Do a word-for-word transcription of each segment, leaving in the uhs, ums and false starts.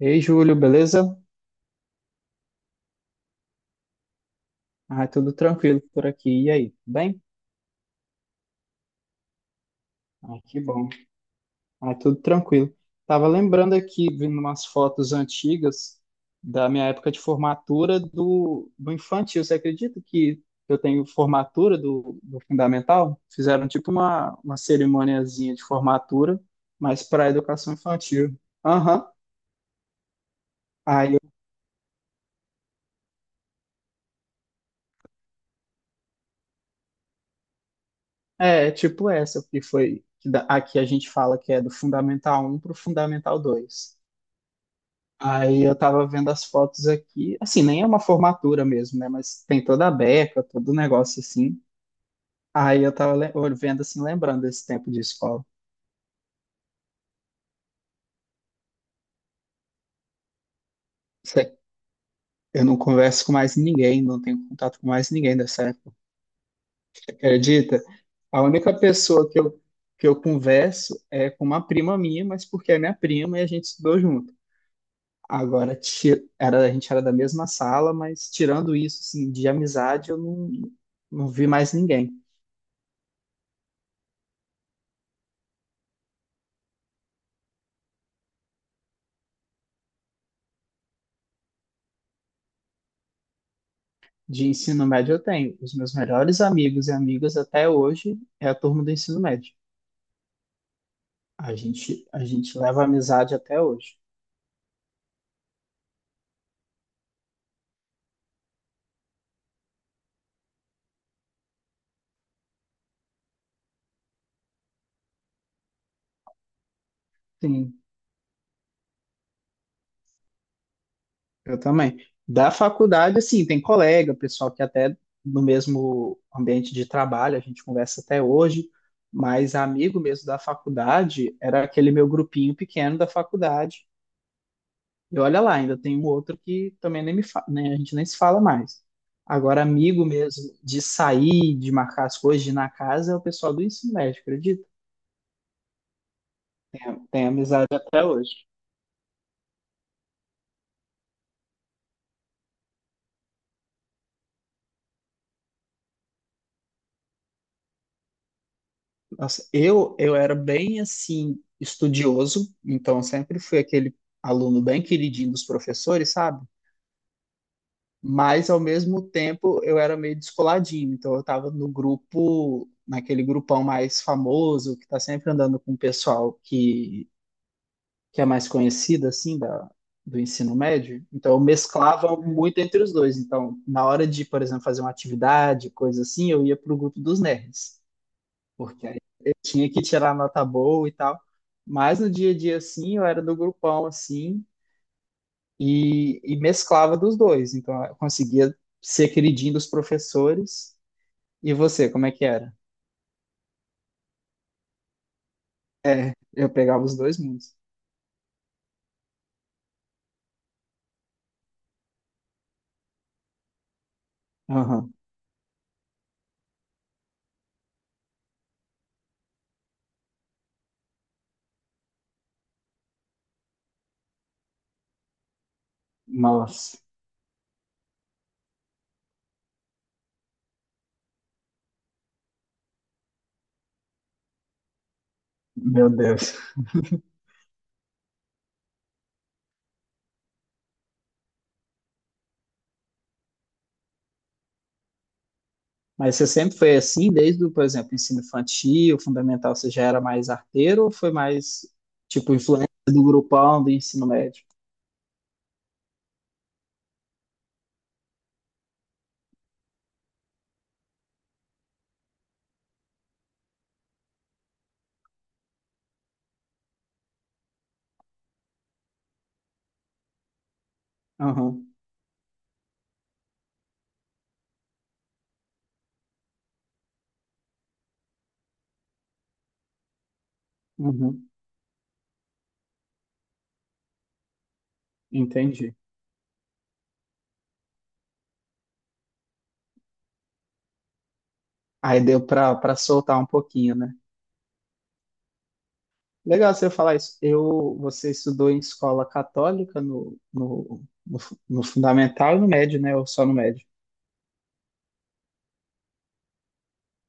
Ei, Júlio, beleza? Ah, tudo tranquilo por aqui. E aí, tudo bem? Ah, que bom. Ah, tudo tranquilo. Tava lembrando aqui, vendo umas fotos antigas da minha época de formatura do, do infantil. Você acredita que eu tenho formatura do, do fundamental? Fizeram tipo uma, uma cerimoniazinha de formatura, mas para educação infantil. Aham. Aí, eu- É, tipo essa, que foi, que da- aqui a gente fala que é do Fundamental um para o Fundamental dois. Aí eu tava vendo as fotos aqui, assim, nem é uma formatura mesmo, né? Mas tem toda a beca, todo o negócio assim. Aí eu tava le- vendo assim, lembrando desse tempo de escola. Cê- Eu não converso com mais ninguém, não tenho contato com mais ninguém dessa época. Você acredita? A única pessoa que eu, que eu converso é com uma prima minha, mas porque é minha prima e a gente estudou junto. Agora, ti- era, a gente era da mesma sala, mas tirando isso, assim, de amizade, eu não, não vi mais ninguém. De ensino médio eu tenho. Os meus melhores amigos e amigas até hoje é a turma do ensino médio. A gente, a gente leva amizade até hoje. Sim, eu também. Da faculdade, assim, tem colega, pessoal que até no mesmo ambiente de trabalho a gente conversa até hoje, mas amigo mesmo da faculdade era aquele meu grupinho pequeno da faculdade. E olha lá, ainda tem um outro que também nem me fa... né, a gente nem se fala mais. Agora, amigo mesmo, de sair, de marcar as coisas, de ir na casa, é o pessoal do ensino médio, acredita? Tem, tem amizade até hoje. Nossa, eu, eu era bem, assim, estudioso, então sempre fui aquele aluno bem queridinho dos professores, sabe? Mas, ao mesmo tempo, eu era meio descoladinho, então eu estava no grupo, naquele grupão mais famoso, que está sempre andando com o pessoal que que é a mais conhecida, assim, da, do ensino médio. Então, eu mesclava muito entre os dois. Então, na hora de, por exemplo, fazer uma atividade, coisa assim, eu ia para o grupo dos nerds, porque aí eu tinha que tirar nota boa e tal. Mas no dia a dia, assim, eu era do grupão, assim, e, e mesclava dos dois. Então, eu conseguia ser queridinho dos professores. E você, como é que era? É, eu pegava os dois mundos. Aham. Nossa, meu Deus. Mas você sempre foi assim, desde, o, por exemplo, ensino infantil, fundamental, você já era mais arteiro ou foi mais, tipo, influência do grupão do ensino médio? Aham, uhum, entendi. Aí deu para para soltar um pouquinho, né? Legal você falar isso. Eu, você estudou em escola católica no, no, no, fu- no fundamental e no médio, né? Ou só no médio?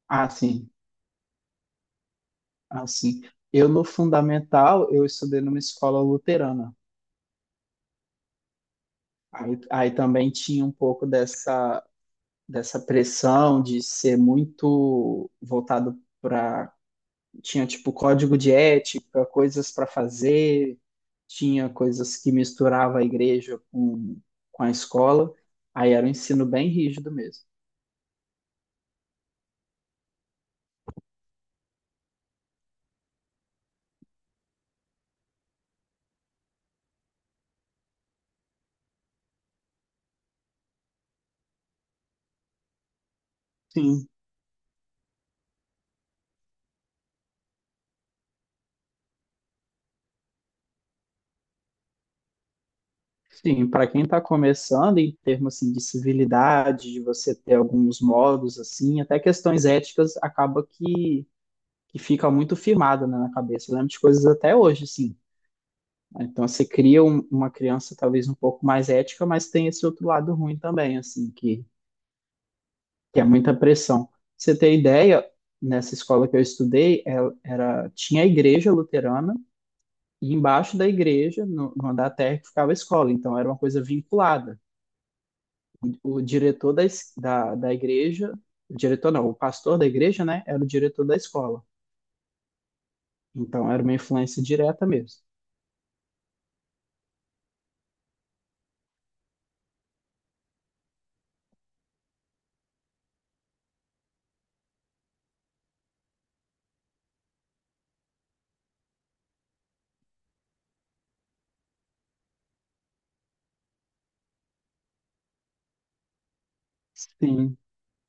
Ah, sim, ah, sim. Eu, no fundamental, eu estudei numa escola luterana. Aí, aí também tinha um pouco dessa dessa pressão de ser muito voltado para. Tinha, tipo, código de ética, coisas para fazer, tinha coisas que misturava a igreja com, com a escola. Aí era um ensino bem rígido mesmo. Sim. Sim, para quem está começando, em termos assim, de civilidade, de você ter alguns modos, assim, até questões éticas, acaba que, que fica muito firmado, né, na cabeça. Eu lembro de coisas até hoje, assim, então você cria um- uma criança talvez um pouco mais ética, mas tem esse outro lado ruim também, assim, que, que é muita pressão. Pra você ter ideia, nessa escola que eu estudei, ela- era, tinha a igreja luterana e embaixo da igreja, no, no andar térreo, ficava a escola. Então era uma coisa vinculada. O, o diretor da, es- da, da igreja, o diretor não, o pastor da igreja, né, era o diretor da escola. Então era uma influência direta mesmo. Sim.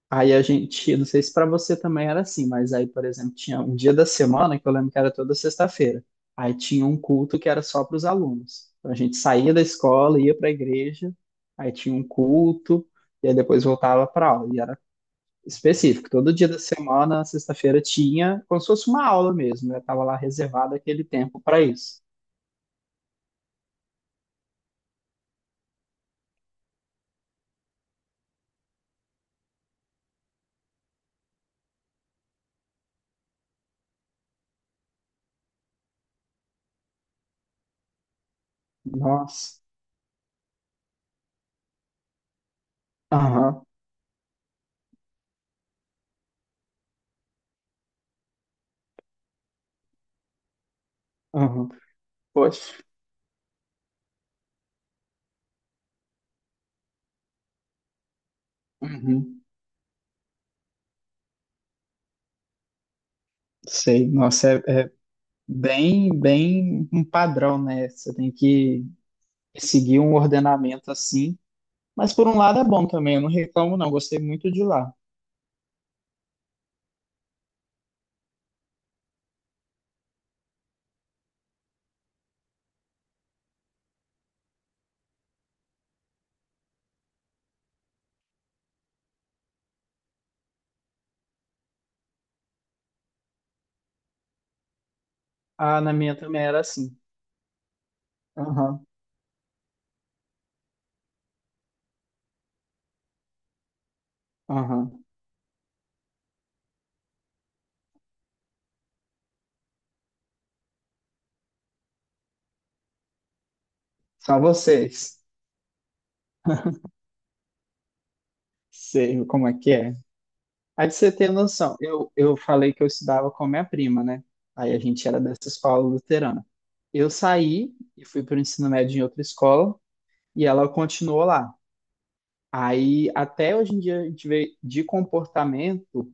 Aí a gente, não sei se para você também era assim, mas aí, por exemplo, tinha um dia da semana que eu lembro que era toda sexta-feira. Aí tinha um culto que era só para os alunos. Então a gente saía da escola, ia para a igreja, aí tinha um culto, e aí depois voltava para aula. E era específico, todo dia da semana, sexta-feira, tinha como se fosse uma aula mesmo. Eu tava lá reservado aquele tempo para isso. Nossa, aham, aham, poxa, uhum. Sei, nossa, é, é bem, bem um padrão, né? Você tem que seguir um ordenamento assim. Mas por um lado é bom também, eu não reclamo não, gostei muito de lá. Ah, na minha também era assim. Aham, aham. Só vocês. Sei como é que é. Aí pra você ter noção, eu, eu falei que eu estudava com a minha prima, né? Aí a gente era dessa escola luterana. Eu saí e fui para o ensino médio em outra escola e ela continuou lá. Aí até hoje em dia a gente vê de comportamento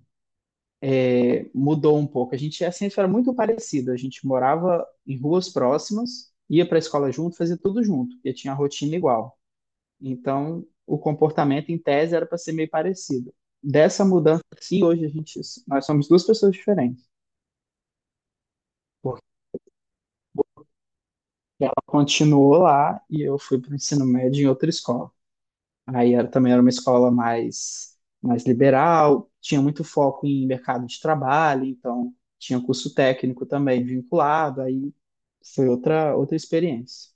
mudou um pouco. A gente assim, era muito parecido. A gente morava em ruas próximas, ia para a escola junto, fazia tudo junto, e tinha a rotina igual. Então, o comportamento em tese era para ser meio parecido. Dessa mudança, sim, hoje a gente, nós somos duas pessoas diferentes, porque ela continuou lá e eu fui para o ensino médio em outra escola. Aí era, também era uma escola mais, mais liberal, tinha muito foco em mercado de trabalho, então tinha curso técnico também vinculado, aí foi outra, outra experiência.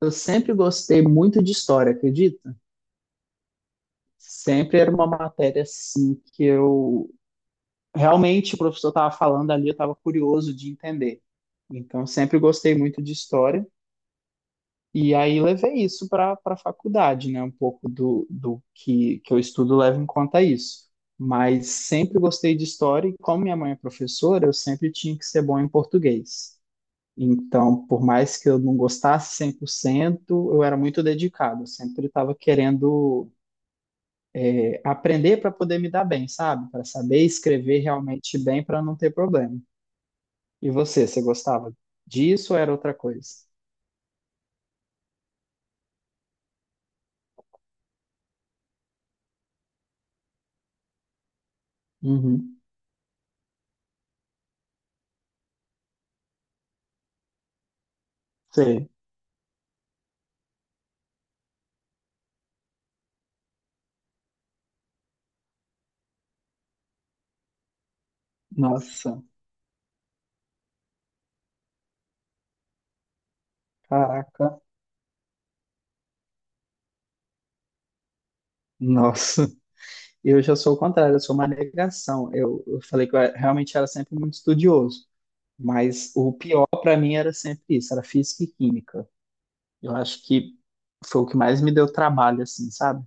Eu sempre gostei muito de história, acredita? Sempre era uma matéria assim que eu realmente o professor estava falando ali, eu estava curioso de entender. Então sempre gostei muito de história. E aí levei isso para para a faculdade, né? Um pouco do, do que, que eu estudo leva em conta isso. Mas sempre gostei de história e como minha mãe é professora, eu sempre tinha que ser bom em português. Então, por mais que eu não gostasse cem por cento, eu era muito dedicado, eu sempre estava querendo eh, aprender para poder me dar bem, sabe? Para saber escrever realmente bem para não ter problema. E você, você gostava disso ou era outra coisa? Uhum. Sei. Nossa, caraca. Nossa, eu já sou o contrário, eu sou uma negação. Eu, eu falei que eu era- realmente era sempre muito estudioso, mas o pior para mim era sempre isso, era física e química. Eu acho que foi o que mais me deu trabalho, assim, sabe?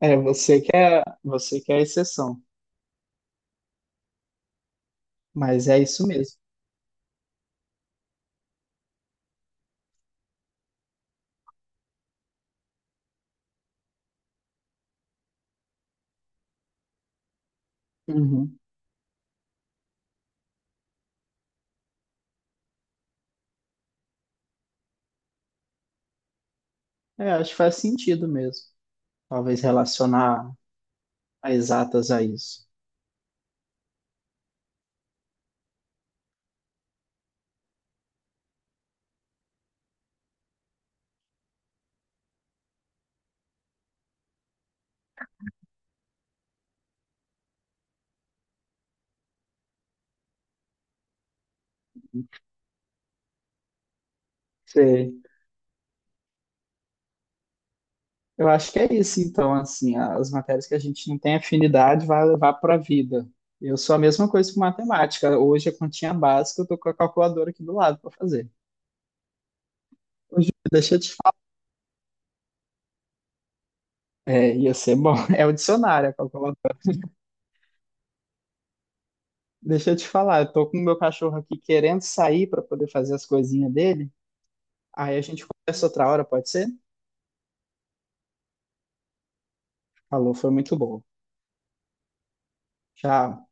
É, você que é, você que é a exceção, mas é isso mesmo. Uhum. É, acho que faz sentido mesmo. Talvez relacionar a exatas a isso. Eu acho que é isso, então, assim, as matérias que a gente não tem afinidade vai levar para a vida. Eu sou a mesma coisa com matemática. Hoje a continha básica, eu tô com a calculadora aqui do lado para fazer. Hoje, deixa eu te falar. É, ia ser bom. É o dicionário, a calculadora. Deixa eu te falar, eu tô com o meu cachorro aqui querendo sair para poder fazer as coisinhas dele. Aí a gente conversa outra hora, pode ser? Falou, foi muito bom. Tchau.